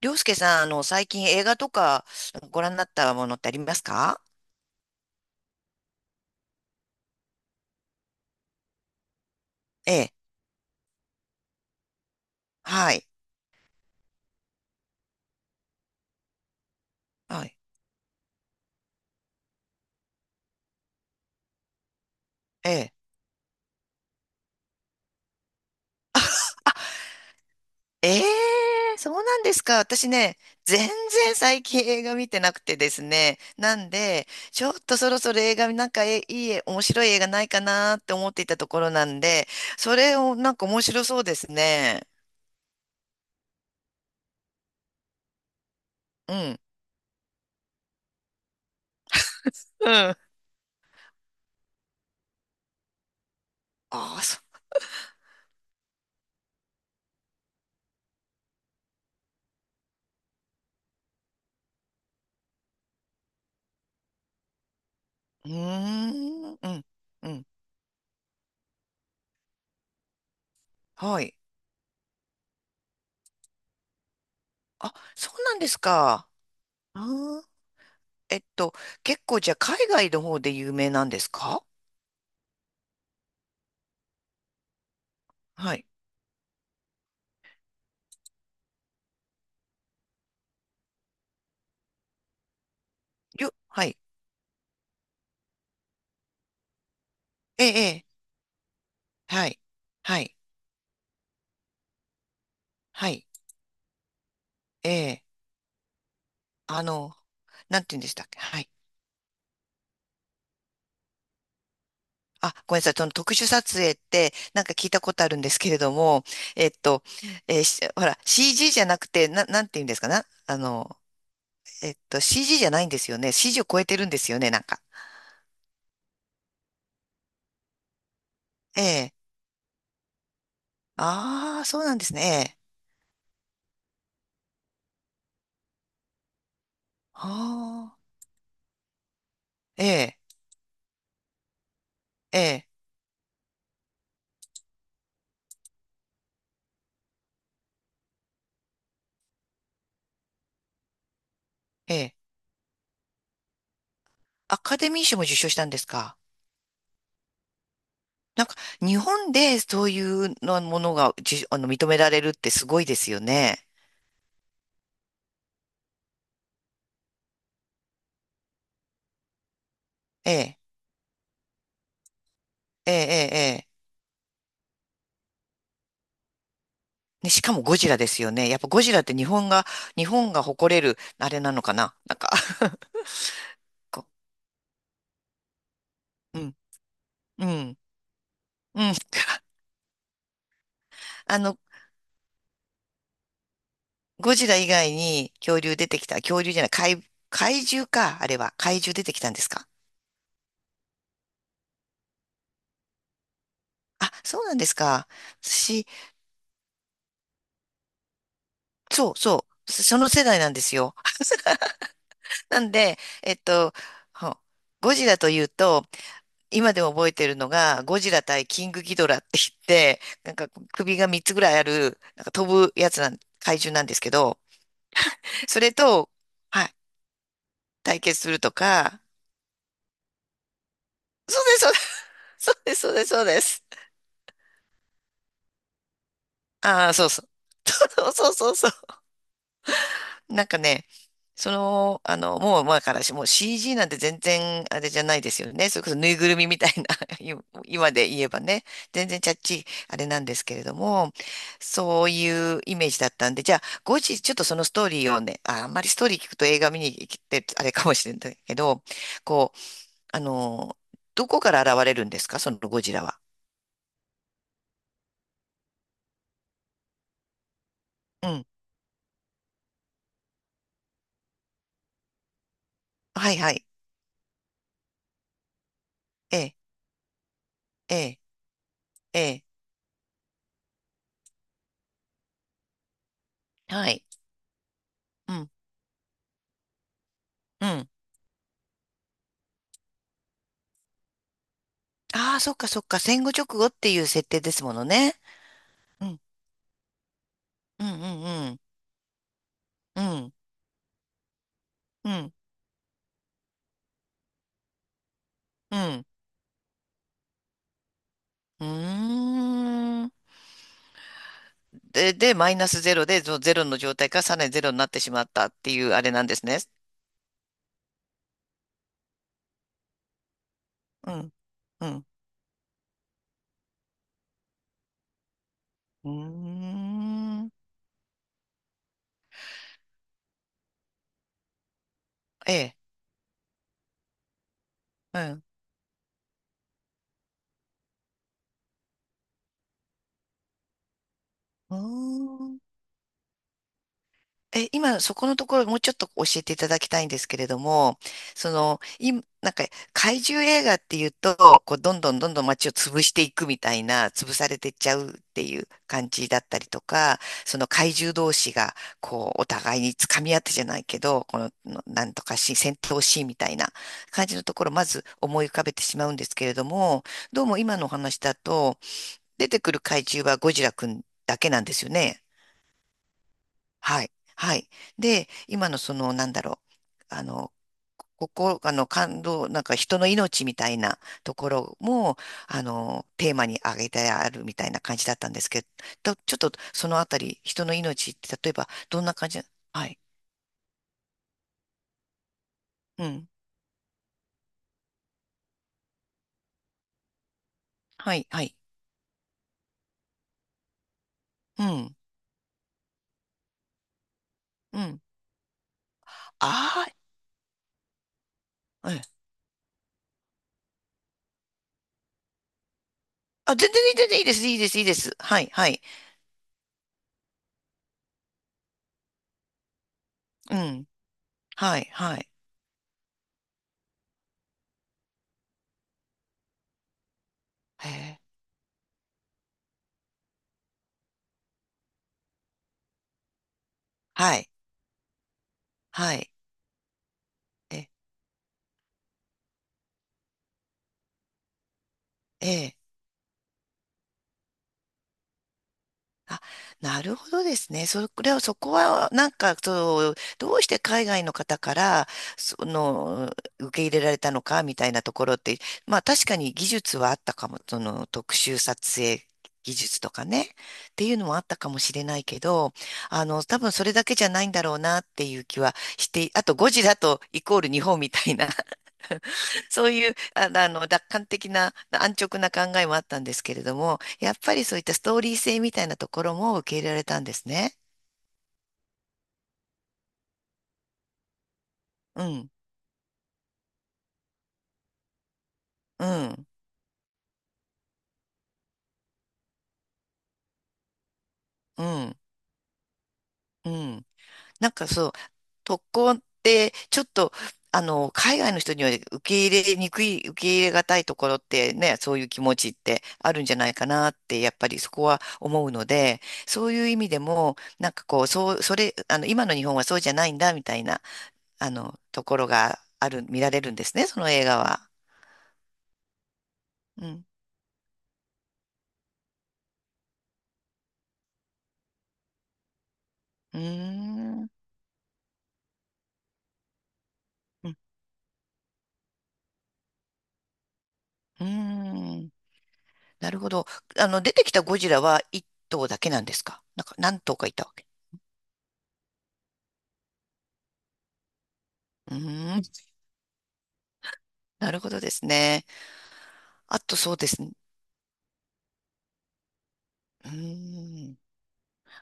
りょうすけさん、最近映画とかご覧になったものってありますか？ええ。はい。はい。ええ。ええ、そうなんですか。私ね、全然最近映画見てなくてですね。なんで、ちょっとそろそろ映画、なんかえいい、面白い映画ないかなって思っていたところなんで、それをなんか面白そうですね。うん。うん。ああ、そう。うーん。うん。うん。はい。あ、そうなんですか。あー、えっと、結構じゃあ海外の方で有名なんですか？はい。はい。ええ、ええ。はい。はい。はい。ええ、あの、なんて言うんでしたっけ？はい。あ、ごめんなさい。その特殊撮影って、なんか聞いたことあるんですけれども、えっと、えーしほら、CG じゃなくて、なんて言うんですかな、えっと、CG じゃないんですよね。CG を超えてるんですよね、なんか。ええ。ああ、そうなんですね。ええ。ああ、ええ、ええ、ええ。アカデミー賞も受賞したんですか？なんか、日本でそういうのものが、認められるってすごいですよね。ええ、ええ、ええ。ええ、ね、しかもゴジラですよね。やっぱゴジラって日本が、日本が誇れる、あれなのかな、なんか。 こう、うん、うん、うん。あの、ゴジラ以外に恐竜出てきた、恐竜じゃない、怪獣か、あれは。怪獣出てきたんですか？あ、そうなんですか。私、その世代なんですよ。なんで、えっと、ほゴジラというと、今でも覚えてるのが、ゴジラ対キングギドラって言って、なんか首が3つぐらいある、なんか飛ぶやつなん、怪獣なんですけど、それと、はい、対決するとか、そうです、そうです、そうです、そうです。そうですああ、そうそう。そうそうそうそう。なんかね、その、もう前からし、もう CG なんて全然あれじゃないですよね。それこそぬいぐるみみたいな、今で言えばね、全然ちゃっちいあれなんですけれども、そういうイメージだったんで、じゃあ、後日ちょっとそのストーリーをね、あ、あんまりストーリー聞くと映画見に行ってあれかもしれないけど、こう、あの、どこから現れるんですか、そのゴジラは？うん。はいはい。ええ、ええ、ええ。はい。うん。うん。ああ、そっかそっか。戦後直後っていう設定ですものね。うん、うん、うん、うん、うん、うん、うん。うーん。で、で、マイナスゼロで、そのゼロの状態からさらにゼロになってしまったっていうあれなんですね。うん、うん。うーん。ええ、うん。うーん、え、今、そこのところ、もうちょっと教えていただきたいんですけれども、その、今、なんか、怪獣映画っていうと、こう、どんどんどんどん街を潰していくみたいな、潰されてっちゃうっていう感じだったりとか、その怪獣同士が、こう、お互いに掴み合ってじゃないけど、この、のなんとかし、戦闘シーンみたいな感じのところ、まず思い浮かべてしまうんですけれども、どうも今のお話だと、出てくる怪獣はゴジラくんだけなんですよね。はい。はい。で、今のその、なんだろう。ここ、感動、なんか人の命みたいなところも、テーマに挙げてあるみたいな感じだったんですけど、ちょっとそのあたり、人の命って、例えば、どんな感じな？はい。うん。はい、はい。うん。うん。ああ、うん。あ、全然いい、全然いいです、いいです、いいです。はい、はい。うん。はい、はい。へえ、はい、はい。え、ええ、あ、なるほどですね。それは、そこは、なんか、そう、どうして海外の方から、その、受け入れられたのか、みたいなところって、まあ、確かに技術はあったかも、その、特殊撮影技術とかね、っていうのもあったかもしれないけど、多分それだけじゃないんだろうな、っていう気はして、あと、ゴジラとイコール日本みたいなそういう、楽観的な、安直な考えもあったんですけれども、やっぱりそういったストーリー性みたいなところも受け入れられたんですね。うん、うん、うん、うん。なんかそう、特攻って、ちょっと、海外の人には受け入れにくい、受け入れがたいところってね、そういう気持ちってあるんじゃないかなって、やっぱりそこは思うので、そういう意味でも、なんかこう、そう、それ、今の日本はそうじゃないんだ、みたいな。ところがある、見られるんですね、その映画は。うん。うーん。うん。うーん、なるほど。出てきたゴジラは一頭だけなんですか、なんか何頭かいたわけ？うーん。なるほどですね。あとそうですね。うーん。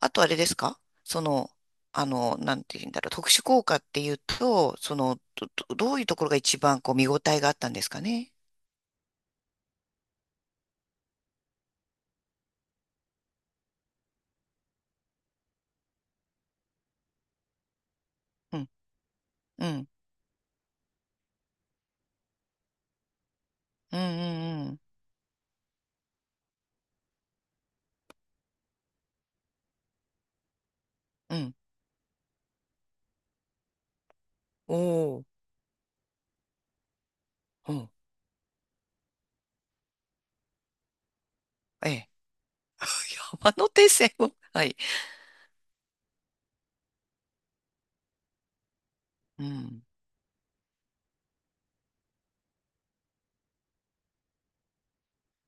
あとあれですか、その、なんて言うんだろう。特殊効果っていうと、その、どういうところが一番こう見応えがあったんですかね？うん。うん。うん。うん。うん。うん、おー。うん。ええ。山手線を。はい。うん。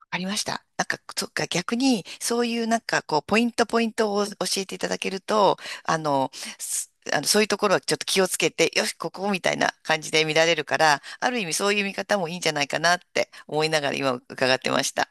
わかりました。なんか、そっか、逆に、そういうなんか、こう、ポイントポイントを教えていただけると、あの、すあの、そういうところはちょっと気をつけて、よし、ここみたいな感じで見られるから、ある意味そういう見方もいいんじゃないかなって思いながら今伺ってました。